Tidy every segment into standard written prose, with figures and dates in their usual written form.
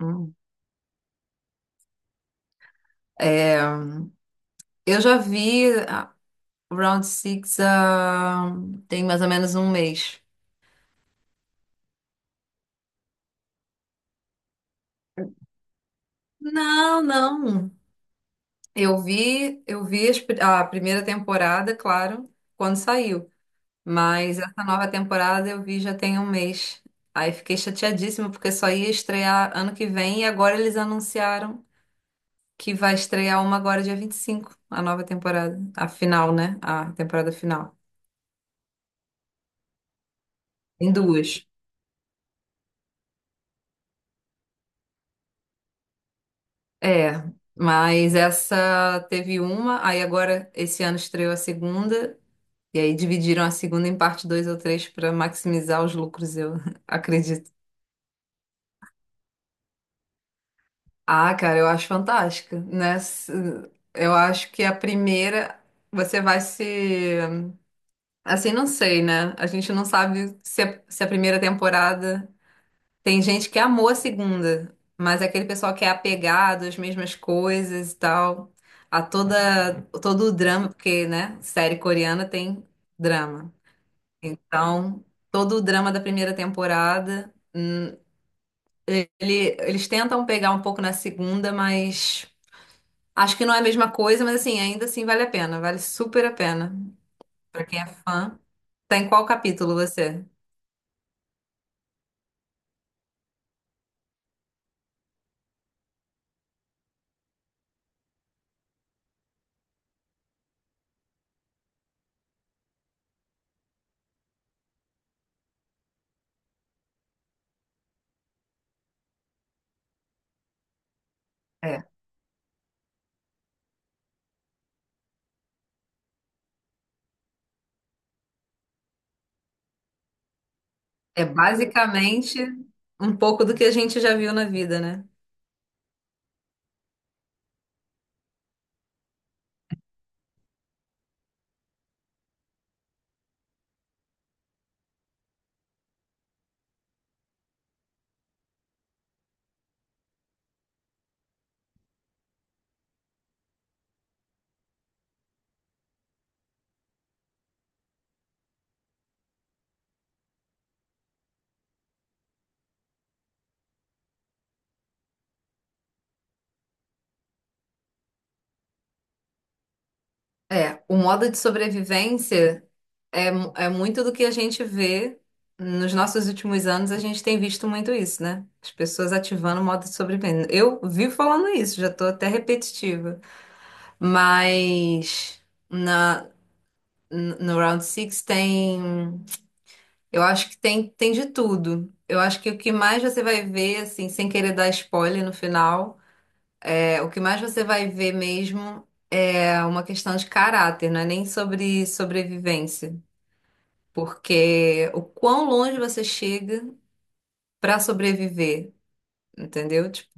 Hum. É, eu já vi a Round Six há tem mais ou menos um mês. Não, não. Eu vi a primeira temporada, claro, quando saiu. Mas essa nova temporada eu vi já tem um mês. Aí fiquei chateadíssima porque só ia estrear ano que vem e agora eles anunciaram que vai estrear uma agora dia 25, a nova temporada, a final, né? A temporada final. Em duas. É, mas essa teve uma, aí agora esse ano estreou a segunda, e aí dividiram a segunda em parte 2 ou 3 para maximizar os lucros, eu acredito. Ah, cara, eu acho fantástica, né? Eu acho que a primeira você vai se. Assim, não sei, né? A gente não sabe se a primeira temporada. Tem gente que amou a segunda, mas é aquele pessoal que é apegado às mesmas coisas e tal, a toda todo o drama, porque, né, série coreana tem drama. Então, todo o drama da primeira temporada, eles tentam pegar um pouco na segunda, mas acho que não é a mesma coisa, mas assim, ainda assim vale a pena, vale super a pena. Pra quem é fã, tá em qual capítulo você? É, é basicamente um pouco do que a gente já viu na vida, né? É, o modo de sobrevivência é muito do que a gente vê nos nossos últimos anos, a gente tem visto muito isso, né? As pessoas ativando o modo de sobrevivência. Eu vivo falando isso, já tô até repetitiva. Mas na, no Round six tem, eu acho que tem de tudo. Eu acho que o que mais você vai ver, assim, sem querer dar spoiler no final, é, o que mais você vai ver mesmo é uma questão de caráter, não é nem sobre sobrevivência. Porque o quão longe você chega para sobreviver, entendeu? Tipo,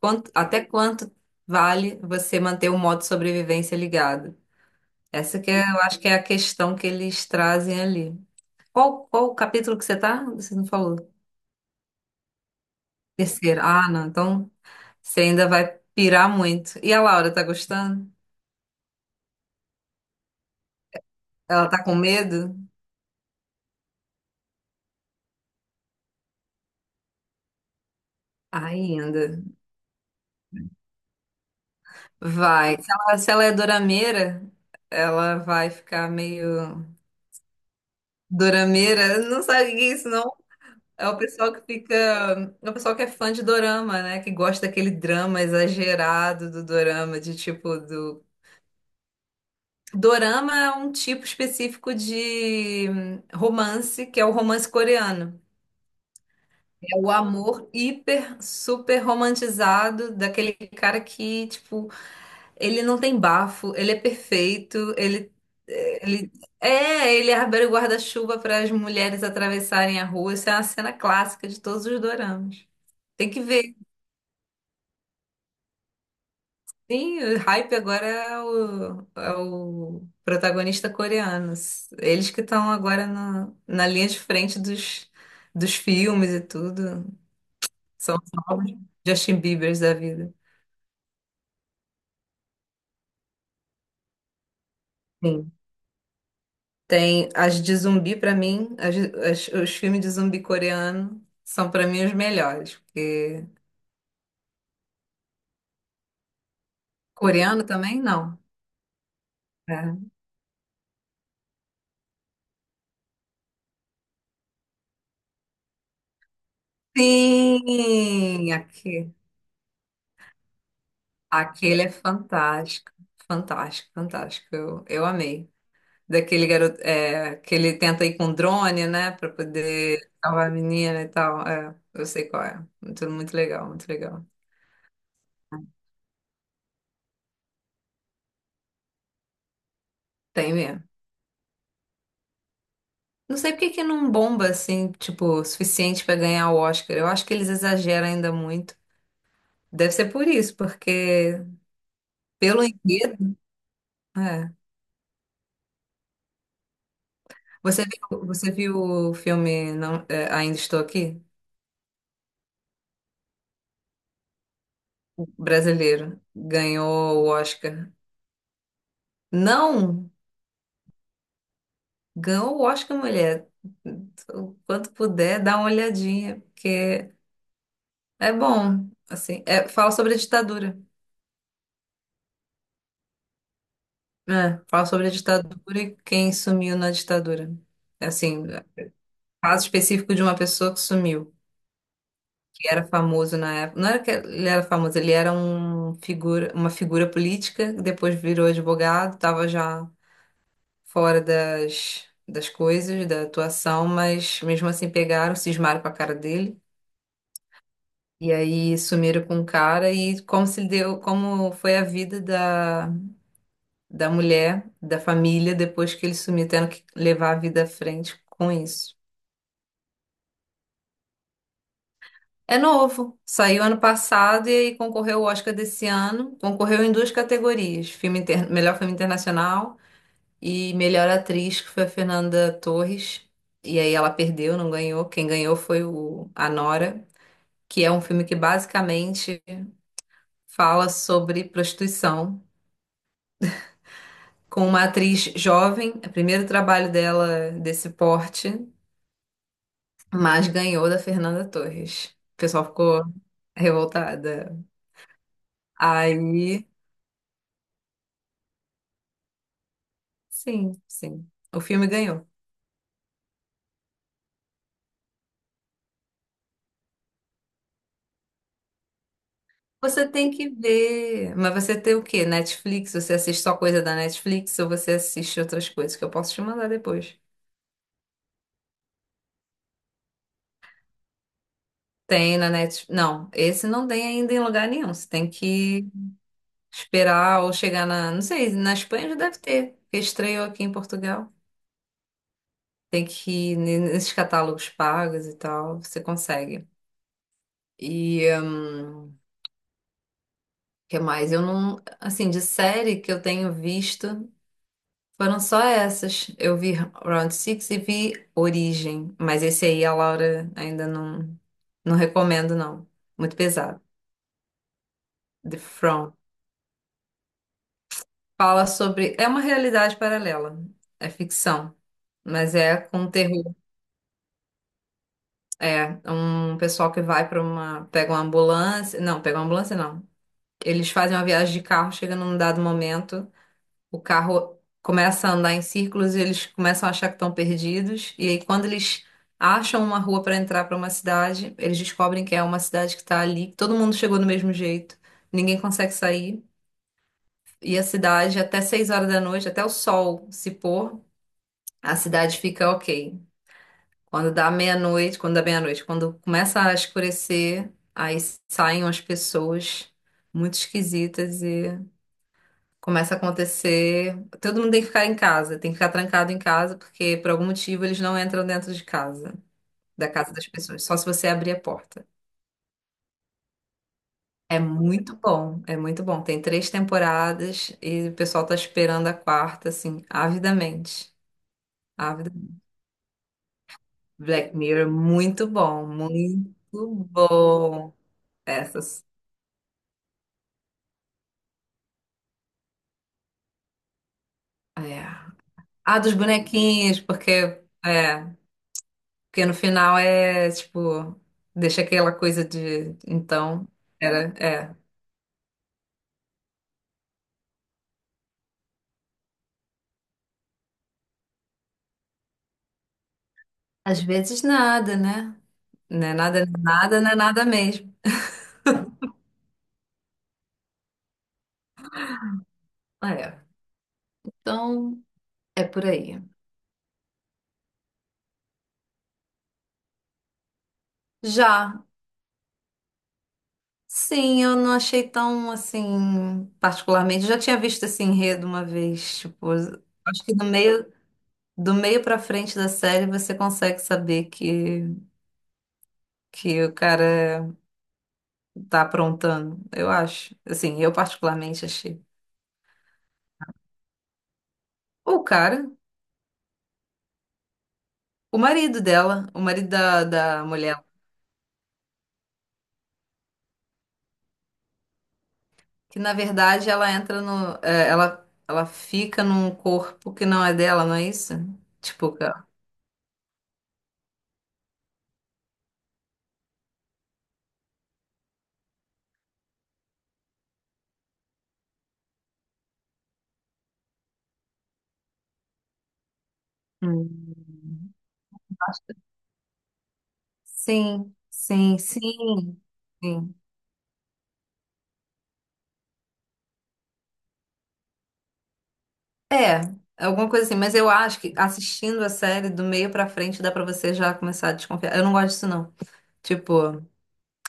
até quanto vale você manter o modo sobrevivência ligado? Essa que é, eu acho que é a questão que eles trazem ali. Qual o capítulo que você tá? Você não falou. Terceiro. Ah, não. Então você ainda vai pirar muito. E a Laura tá gostando? Ela tá com medo? Ainda. Vai. Se ela, se ela é dorameira, ela vai ficar meio. Dorameira, não sabe o que é isso, não? É o pessoal que fica. É o pessoal que é fã de dorama, né? Que gosta daquele drama exagerado do dorama, de tipo do. Dorama é um tipo específico de romance, que é o romance coreano. É o amor hiper, super romantizado daquele cara que, tipo, ele não tem bafo, ele é perfeito, ele ele abre o guarda-chuva para as mulheres atravessarem a rua. Isso é uma cena clássica de todos os doramas. Tem que ver. Sim, o hype agora é o, é o protagonista coreano. Eles que estão agora na, na linha de frente dos, dos filmes e tudo. São os novos Justin Biebers da vida. Sim. Tem as de zumbi pra mim, os filmes de zumbi coreano são pra mim os melhores, porque coreano também não, né? Sim, aqui, aquele é fantástico, fantástico, fantástico. Eu amei. Daquele garoto é, que ele tenta ir com drone, né, pra poder salvar a menina e tal. É, eu sei qual é. Muito, muito legal, muito legal. Tem mesmo. Não sei por que que não bomba assim, tipo, o suficiente pra ganhar o Oscar. Eu acho que eles exageram ainda muito. Deve ser por isso, porque pelo enredo, é. Você viu o filme não, é, Ainda Estou Aqui? O brasileiro ganhou o Oscar. Não, ganhou o Oscar, mulher. O quanto puder, dá uma olhadinha, porque é bom, assim, é, fala sobre a ditadura. É, fala sobre a ditadura e quem sumiu na ditadura. Assim, caso específico de uma pessoa que sumiu, que era famoso na época. Não era que ele era famoso, ele era um figura, uma figura política, que depois virou advogado, estava já fora das, das coisas, da atuação, mas mesmo assim pegaram, cismaram com a cara dele. E aí sumiram com o cara e como se deu, como foi a vida da, da mulher, da família, depois que ele sumiu, tendo que levar a vida à frente com isso. É novo, saiu ano passado e aí concorreu ao Oscar desse ano. Concorreu em duas categorias: filme melhor filme internacional e melhor atriz, que foi a Fernanda Torres. E aí ela perdeu, não ganhou. Quem ganhou foi o A Nora, que é um filme que basicamente fala sobre prostituição, com uma atriz jovem, é o primeiro trabalho dela desse porte, mas ganhou da Fernanda Torres. O pessoal ficou revoltada. Aí. Sim, sim. O filme ganhou. Você tem que ver. Mas você tem o quê? Netflix? Você assiste só coisa da Netflix ou você assiste outras coisas que eu posso te mandar depois? Tem na Netflix. Não, esse não tem ainda em lugar nenhum. Você tem que esperar ou chegar na. Não sei, na Espanha já deve ter, porque estreou aqui em Portugal. Tem que ir nesses catálogos pagos e tal. Você consegue. E, o que mais? Eu não. Assim, de série que eu tenho visto. Foram só essas. Eu vi Round Six e vi Origem, mas esse aí a Laura ainda não, não recomendo, não. Muito pesado. The From. Fala sobre. É uma realidade paralela. É ficção. Mas é com terror. É um pessoal que vai para uma. Pega uma ambulância. Não, pega uma ambulância, não. Eles fazem uma viagem de carro, chega num dado momento. O carro começa a andar em círculos e eles começam a achar que estão perdidos. E aí, quando eles acham uma rua para entrar para uma cidade, eles descobrem que é uma cidade que está ali, que todo mundo chegou do mesmo jeito, ninguém consegue sair. E a cidade, até 6 horas da noite, até o sol se pôr, a cidade fica ok. Quando dá meia-noite, quando dá meia-noite, quando começa a escurecer, aí saem umas pessoas muito esquisitas e começa a acontecer. Todo mundo tem que ficar em casa, tem que ficar trancado em casa, porque por algum motivo eles não entram dentro de casa, da casa das pessoas, só se você abrir a porta. É muito bom, é muito bom. Tem três temporadas e o pessoal tá esperando a quarta, assim, avidamente. Avidamente. Black Mirror, muito bom, muito bom. Essas. É. Ah, dos bonequinhos, porque. É. Porque no final é tipo, deixa aquela coisa de então, era, é. Às vezes nada, né? Não é nada, nada, não é nada mesmo. É. Então, é por aí. Já, sim, eu não achei tão assim, particularmente. Eu já tinha visto esse enredo uma vez, tipo, acho que do meio para frente da série você consegue saber que o cara tá aprontando, eu acho. Assim, eu particularmente achei. O cara. O marido dela, o marido da, da mulher, que na verdade ela entra no. É, ela fica num corpo que não é dela, não é isso? Tipo, que ela-. Hum. Sim, sim, sim, sim. É, alguma coisa assim, mas eu acho que assistindo a série do meio pra frente dá pra você já começar a desconfiar. Eu não gosto disso, não. Tipo,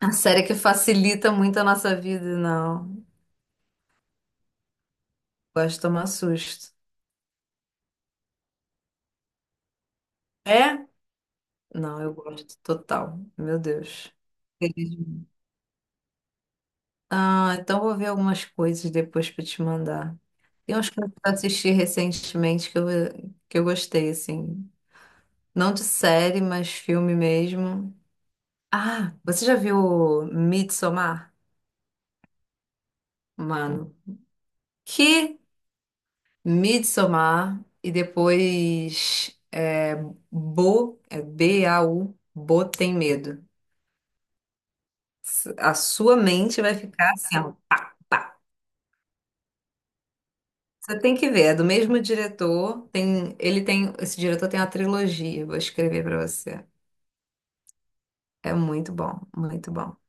a série que facilita muito a nossa vida, não. Gosto de tomar susto. É? Não, eu gosto total. Meu Deus. Feliz. Ah, então vou ver algumas coisas depois para te mandar. Tem uns que eu assisti recentemente que eu gostei, assim. Não de série, mas filme mesmo. Ah, você já viu Midsommar? Mano, que Midsommar e depois é, Bo, é BAU, Bo tem medo. A sua mente vai ficar assim, ó. Você tem que ver, é do mesmo diretor. Ele tem, esse diretor tem uma trilogia. Vou escrever pra você. É muito bom, muito bom.